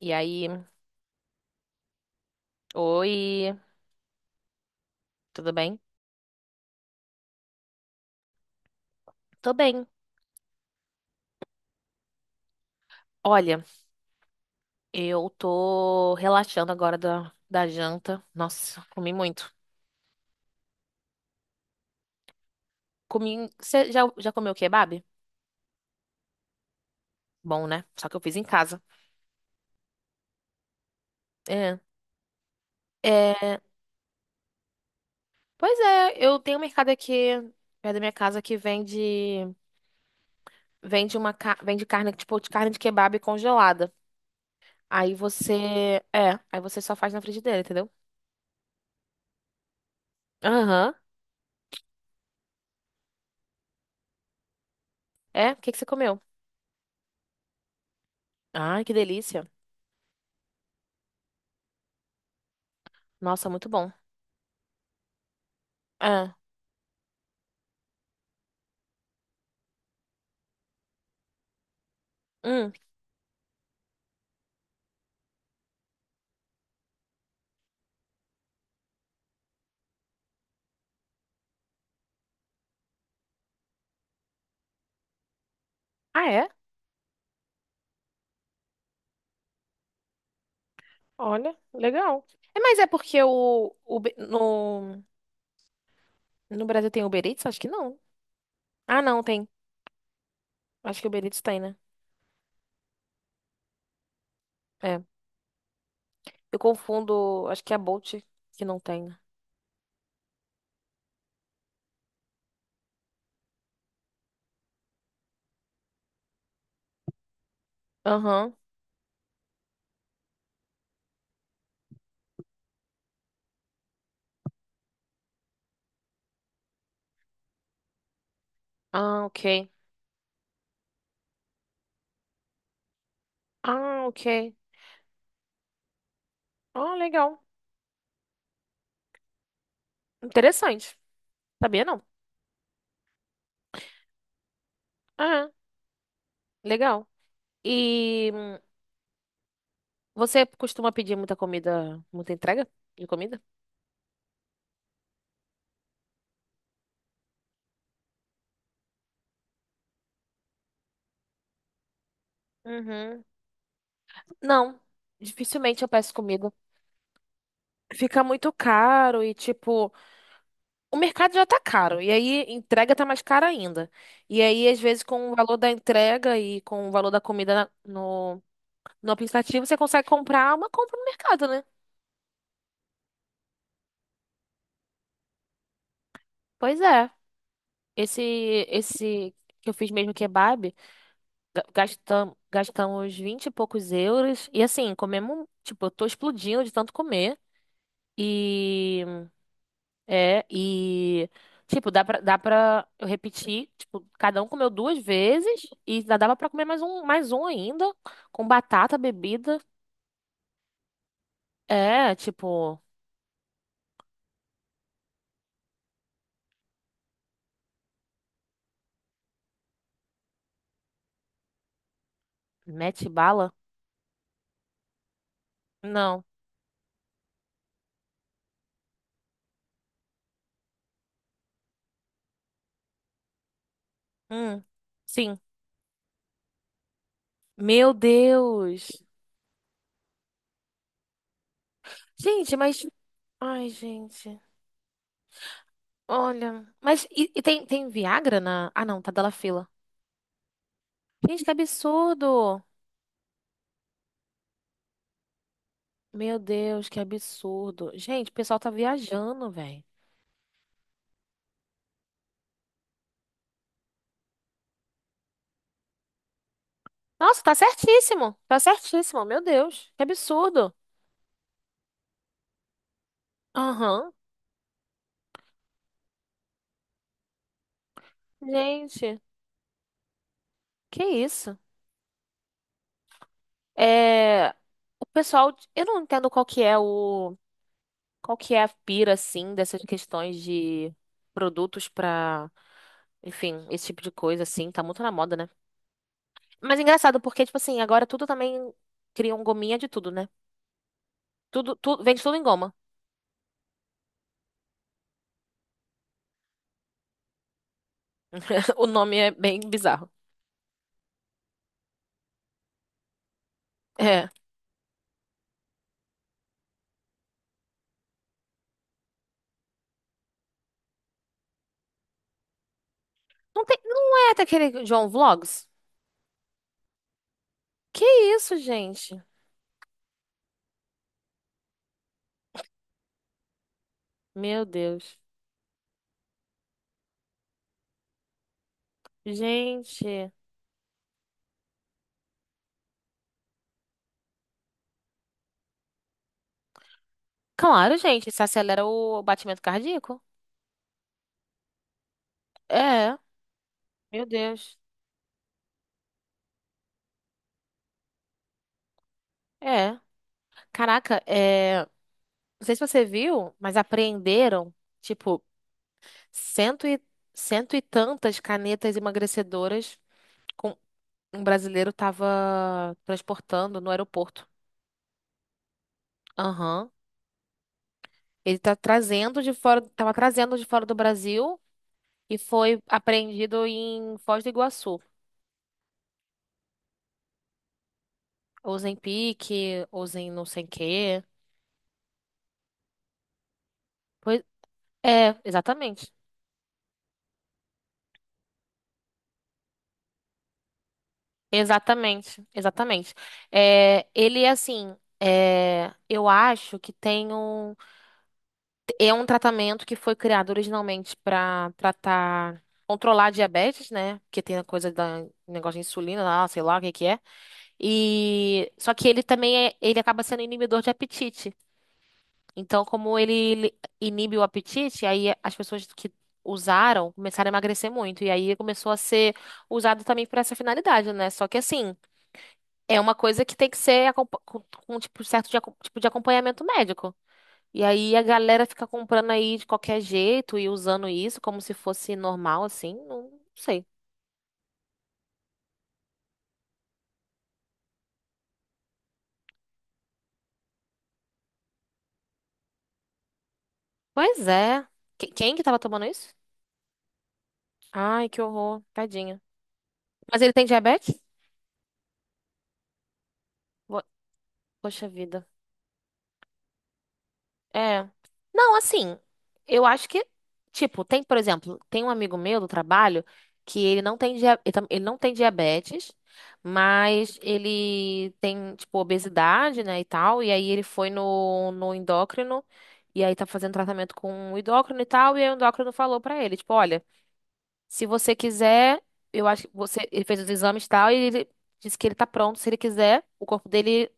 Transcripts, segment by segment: E aí, oi, tudo bem? Tô bem. Olha, eu tô relaxando agora da janta. Nossa, comi muito. Comi. Você já comeu kebab? Bom, né? Só que eu fiz em casa. É. É, pois é, eu tenho um mercado aqui perto da minha casa que vende vende carne, tipo, de carne de kebab congelada. Aí você, é, aí você só faz na frigideira, entendeu? Aham. É, o que que você comeu? Ai, que delícia. Nossa, muito bom. É. Hum. Ah, é? Olha, legal. É, mas é porque no, no Brasil tem Uber Eats? Acho que não. Ah, não, tem. Acho que Uber Eats tem, né? É. Eu confundo, acho que é a Bolt que não tem, né? Aham. Ah, ok. Ah, ok. Ah, legal. Interessante. Sabia não? Ah, legal. E você costuma pedir muita comida, muita entrega de comida? Uhum. Não. Dificilmente eu peço comida. Fica muito caro e, tipo. O mercado já tá caro, e aí entrega tá mais cara ainda. E aí, às vezes, com o valor da entrega e com o valor da comida no, no aplicativo, você consegue comprar uma compra no mercado, né? Pois é. Esse, esse que eu fiz mesmo kebab, gastamos 20 e poucos euros. E assim, comemos, tipo, eu tô explodindo de tanto comer. E é, e, tipo, dá pra eu repetir, tipo, cada um comeu duas vezes e ainda dava pra comer mais um ainda, com batata, bebida. É, tipo, mete bala? Não. Hum, sim. Meu Deus. Gente, mas. Ai, gente. Olha. Mas e tem, tem Viagra na. Ah, não, tá dela fila. Gente, que absurdo. Meu Deus, que absurdo. Gente, o pessoal tá viajando, velho. Nossa, tá certíssimo. Tá certíssimo. Meu Deus, que absurdo. Aham. Gente, que isso? É, o pessoal, eu não entendo qual que é a pira assim dessas questões de produtos pra, enfim, esse tipo de coisa assim, tá muito na moda, né? Mas é engraçado porque tipo assim, agora tudo também criam gominha de tudo, né? Tudo, tudo vende tudo em goma. O nome é bem bizarro. É. Não tem, não é daquele João Vlogs? Que isso, gente? Meu Deus. Gente. Claro, gente, isso acelera o batimento cardíaco. É, meu Deus. É. Caraca, é. Não sei se você viu, mas apreenderam, tipo, cento e, cento e tantas canetas emagrecedoras com um brasileiro tava transportando no aeroporto. Aham. Ele tá trazendo de fora, tava trazendo de fora do Brasil e foi apreendido em Foz do Iguaçu. Ou em Pique, ou em não sei o quê. É, exatamente. Exatamente, exatamente. É, ele, assim, é, eu acho que tem um. É um tratamento que foi criado originalmente para tratar. Controlar a diabetes, né? Porque tem a coisa da negócio de insulina lá, sei lá o que que é. E só que ele também é, ele acaba sendo inibidor de apetite. Então, como ele inibe o apetite, aí as pessoas que usaram começaram a emagrecer muito. E aí começou a ser usado também para essa finalidade, né? Só que assim. É uma coisa que tem que ser com, tipo, tipo de acompanhamento médico. E aí a galera fica comprando aí de qualquer jeito e usando isso como se fosse normal, assim. Não, sei. Pois é. Quem que tava tomando isso? Ai, que horror. Tadinha. Mas ele tem diabetes? Vo- Poxa vida. É. Não, assim, eu acho que, tipo, tem, por exemplo, tem um amigo meu do trabalho que ele não tem, ele não tem diabetes, mas ele tem, tipo, obesidade, né, e tal, e aí ele foi no, no endócrino, e aí tá fazendo tratamento com o endócrino e tal, e aí o endócrino falou pra ele, tipo, olha, se você quiser, eu acho que você, ele fez os exames e tal, e ele disse que ele tá pronto, se ele quiser, o corpo dele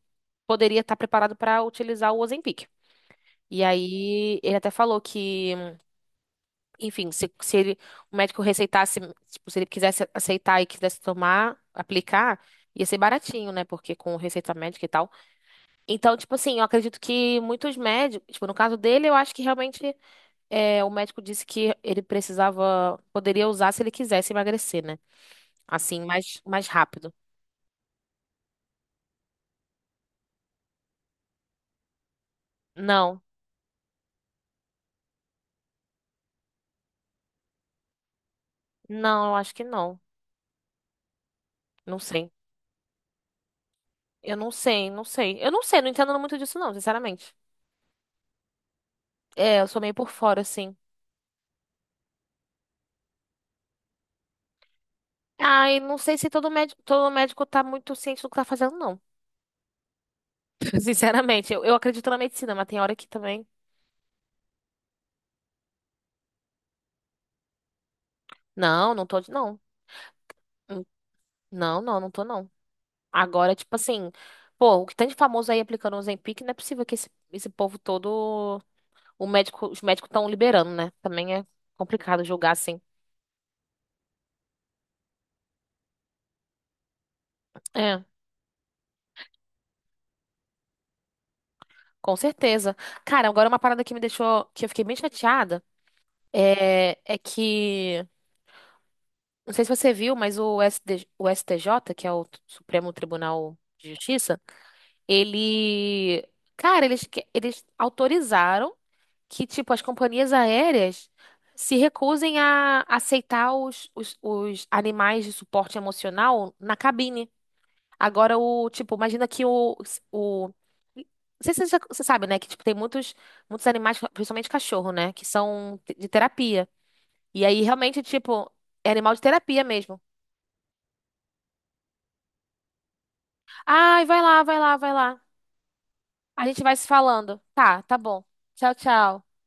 poderia estar preparado pra utilizar o Ozempic. E aí ele até falou que, enfim, se ele, o médico receitasse, tipo, se ele quisesse aceitar e quisesse tomar, aplicar, ia ser baratinho, né? Porque com receita médica e tal. Então, tipo assim, eu acredito que muitos médicos, tipo, no caso dele, eu acho que realmente é, o médico disse que ele precisava, poderia usar se ele quisesse emagrecer, né? Assim, mais, mais rápido. Não, não, eu acho que não. Não sei. Eu não sei, não sei. Eu não sei, não entendo muito disso, não, sinceramente. É, eu sou meio por fora, assim. Ai, não sei se todo médico, todo médico tá muito ciente do que tá fazendo, não. Sinceramente, eu acredito na medicina, mas tem hora que também. Não, não tô, de- não. Hum, Não, não, não tô, não. Agora, tipo assim, pô, o que tem de famoso aí aplicando o Ozempic, não é possível que esse povo todo, os médicos estão liberando, né? Também é complicado julgar assim. É, com certeza. Cara, agora uma parada que me deixou, que eu fiquei bem chateada, é que não sei se você viu, mas o STJ, que é o Supremo Tribunal de Justiça, ele, cara, eles autorizaram que, tipo, as companhias aéreas se recusem a aceitar os animais de suporte emocional na cabine. Agora, o, tipo, imagina que o não sei se você, você sabe, né? Que, tipo, tem muitos, muitos animais, principalmente cachorro, né? Que são de terapia. E aí, realmente, tipo, é animal de terapia mesmo. Ai, vai lá, vai lá, vai lá. A gente vai se falando. Tá, tá bom. Tchau, tchau.